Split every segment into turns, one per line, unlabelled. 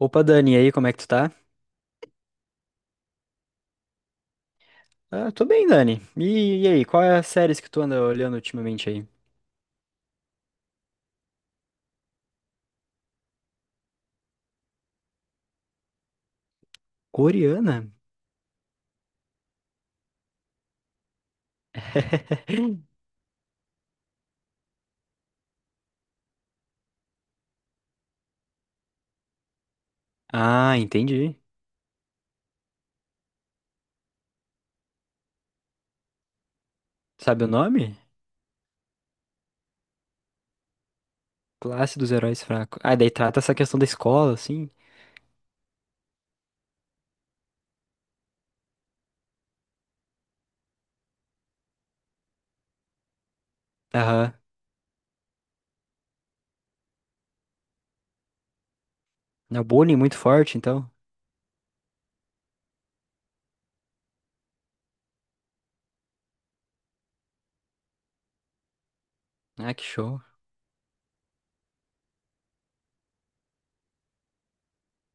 Opa, Dani, e aí, como é que tu tá? Ah, tô bem, Dani. E aí, qual é as séries que tu anda olhando ultimamente aí? Coreana? Ah, entendi. Sabe o nome? Classe dos Heróis Fracos. Ah, daí trata essa questão da escola, assim. Aham. Na bullying muito forte, então. Ah, que show.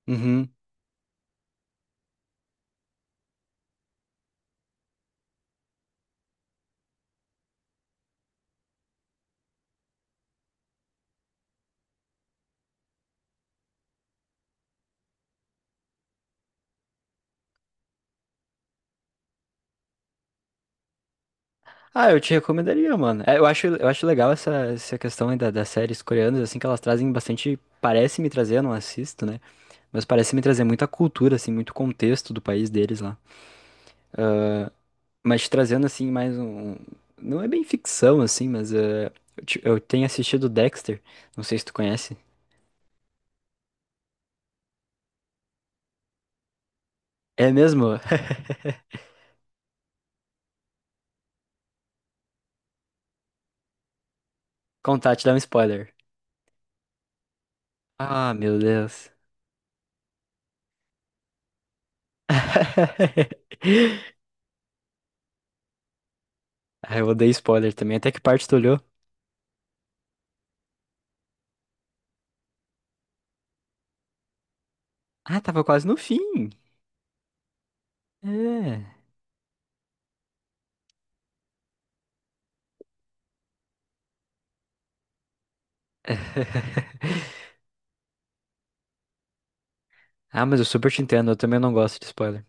Uhum. Ah, eu te recomendaria, mano. É, eu acho, eu acho legal essa questão aí da, das séries coreanas, assim, que elas trazem bastante. Parece me trazer, eu não assisto, né? Mas parece me trazer muita cultura, assim, muito contexto do país deles lá. Mas trazendo assim mais um, não é bem ficção assim, mas é, eu, eu tenho assistido Dexter. Não sei se tu conhece. É mesmo? Contar, te dar um spoiler. Ah, meu Deus. Ah, eu odeio spoiler também. Até que parte tu olhou? Ah, tava quase no fim. É. Ah, mas eu super te entendo. Eu também não gosto de spoiler.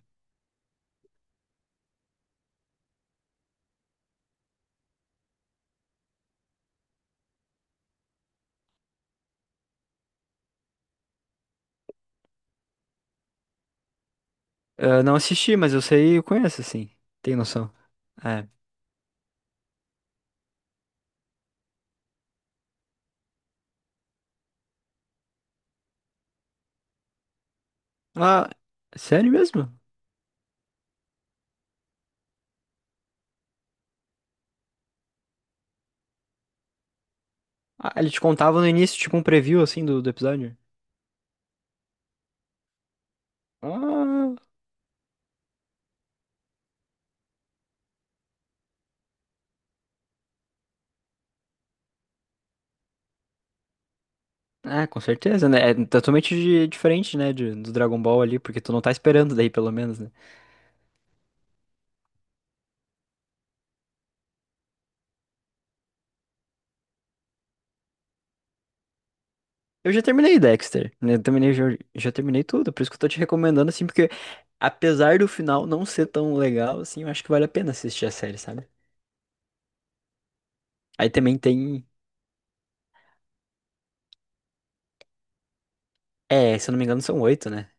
Eu não assisti, mas eu sei, eu conheço assim. Tem noção. É. Ah, sério mesmo? Ah, ele te contava no início, tipo um preview assim do episódio? Ah. Ah, com certeza, né? É totalmente diferente, né, do Dragon Ball ali, porque tu não tá esperando daí, pelo menos, né? Eu já terminei Dexter, né? Eu terminei, já, já terminei tudo, por isso que eu tô te recomendando, assim, porque apesar do final não ser tão legal, assim, eu acho que vale a pena assistir a série, sabe? Aí também tem, é, se eu não me engano são oito, né?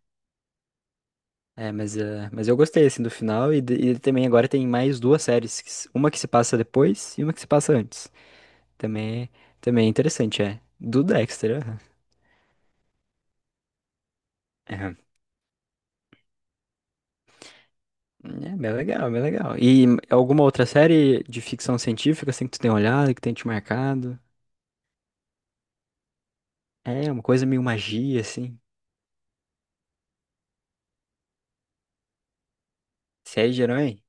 É, mas, mas eu gostei, assim, do final, e, e também agora tem mais duas séries, que uma que se passa depois e uma que se passa antes. Também, também é interessante, é. Do Dexter, aham. É bem legal, bem legal. E alguma outra série de ficção científica assim que tu tem olhado, que tem te marcado? É, uma coisa meio magia, assim. Série de herói?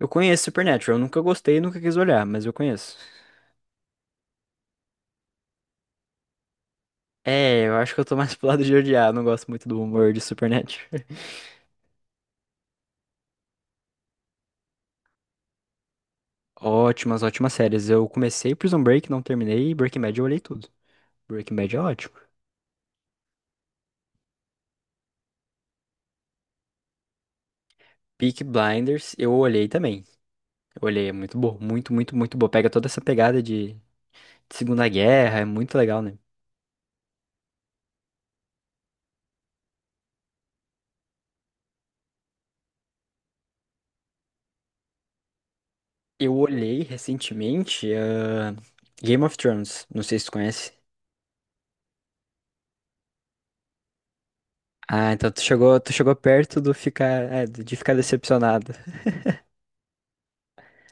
Eu conheço Supernatural, eu nunca gostei e nunca quis olhar, mas eu conheço. É, eu acho que eu tô mais pro lado de odiar, não gosto muito do humor de Supernatural. Ótimas, ótimas séries. Eu comecei Prison Break, não terminei, e Breaking Bad eu olhei tudo. Breaking Bad é ótimo. Peaky Blinders eu olhei também. Eu olhei, é muito bom, muito, muito bom. Pega toda essa pegada de Segunda Guerra, é muito legal, né? Eu olhei recentemente, ah, Game of Thrones, não sei se tu conhece. Ah, então tu chegou perto do ficar, é, de ficar decepcionado.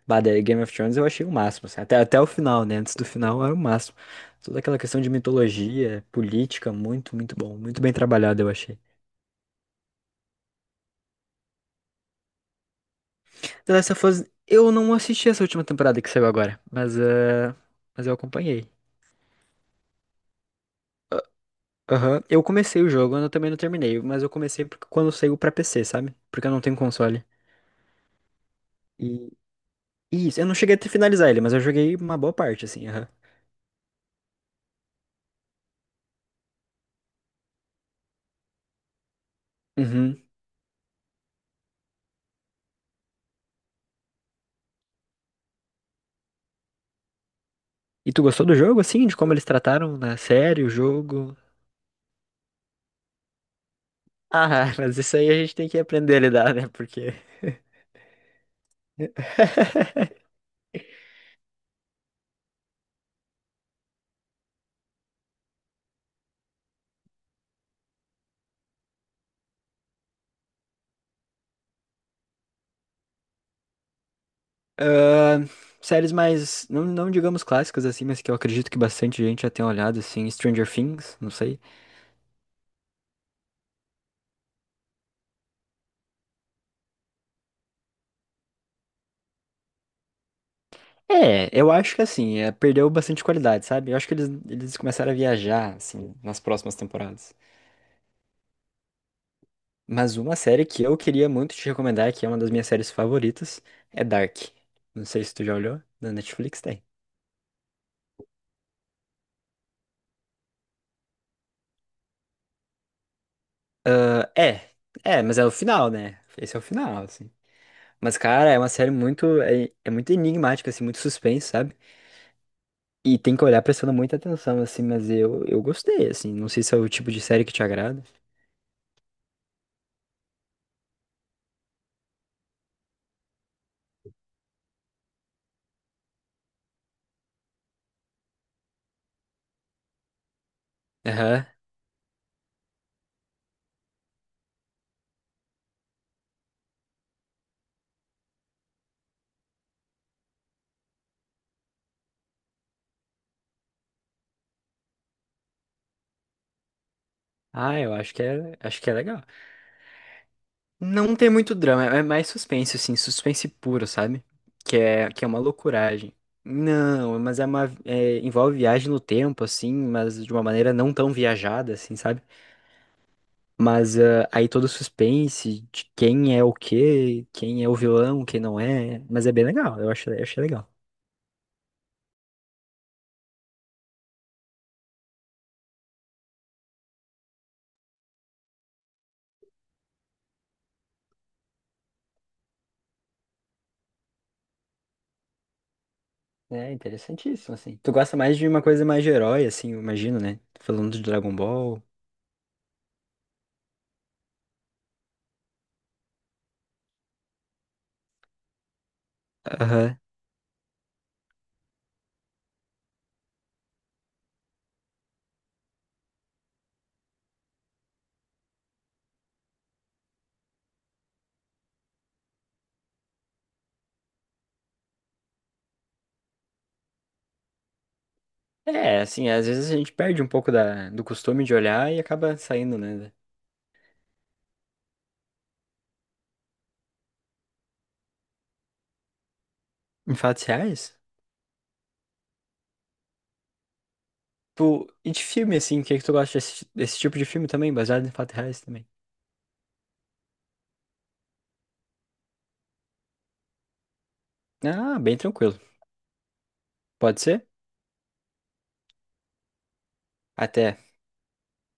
Bah, daí Game of Thrones eu achei o máximo, assim, até, até o final, né? Antes do final era o máximo. Toda aquela questão de mitologia, política, muito, muito bom, muito bem trabalhado, eu achei. The Last of Us, eu não assisti essa última temporada que saiu agora, mas, ah, mas eu acompanhei. Aham, eu comecei o jogo, eu também não terminei, mas eu comecei porque quando saiu pra PC, sabe? Porque eu não tenho console. E isso, eu não cheguei a finalizar ele, mas eu joguei uma boa parte, assim, aham. Uhum. E tu gostou do jogo, assim, de como eles trataram na série, o jogo? Ah, mas isso aí a gente tem que aprender a lidar, né? Porque. Ah, séries mais, não, não digamos clássicas assim, mas que eu acredito que bastante gente já tenha olhado, assim, Stranger Things, não sei. É, eu acho que assim, é, perdeu bastante qualidade, sabe? Eu acho que eles começaram a viajar, assim, nas próximas temporadas. Mas uma série que eu queria muito te recomendar, que é uma das minhas séries favoritas, é Dark. Não sei se tu já olhou, na Netflix tem. Ah, é, é, mas é o final, né? Esse é o final, assim. Mas, cara, é uma série muito, é muito enigmática, assim, muito suspense, sabe? E tem que olhar prestando muita atenção, assim, mas eu gostei, assim. Não sei se é o tipo de série que te agrada. Aham. Ah, eu acho que é legal. Não tem muito drama, é mais suspense, assim, suspense puro, sabe? Que é uma loucuragem. Não, mas é uma. É, envolve viagem no tempo, assim, mas de uma maneira não tão viajada, assim, sabe? Mas ah, aí todo o suspense de quem é o quê, quem é o vilão, quem não é. Mas é bem legal, eu acho, eu achei legal. É interessantíssimo, assim. Tu gosta mais de uma coisa mais de herói, assim, eu imagino, né? Falando de Dragon Ball. Aham. É, assim, às vezes a gente perde um pouco da, do costume de olhar e acaba saindo, né? Em fatos reais? Tipo, e de filme, assim, o que é que tu gosta desse, desse tipo de filme também, baseado em fatos reais também? Ah, bem tranquilo. Pode ser? Até.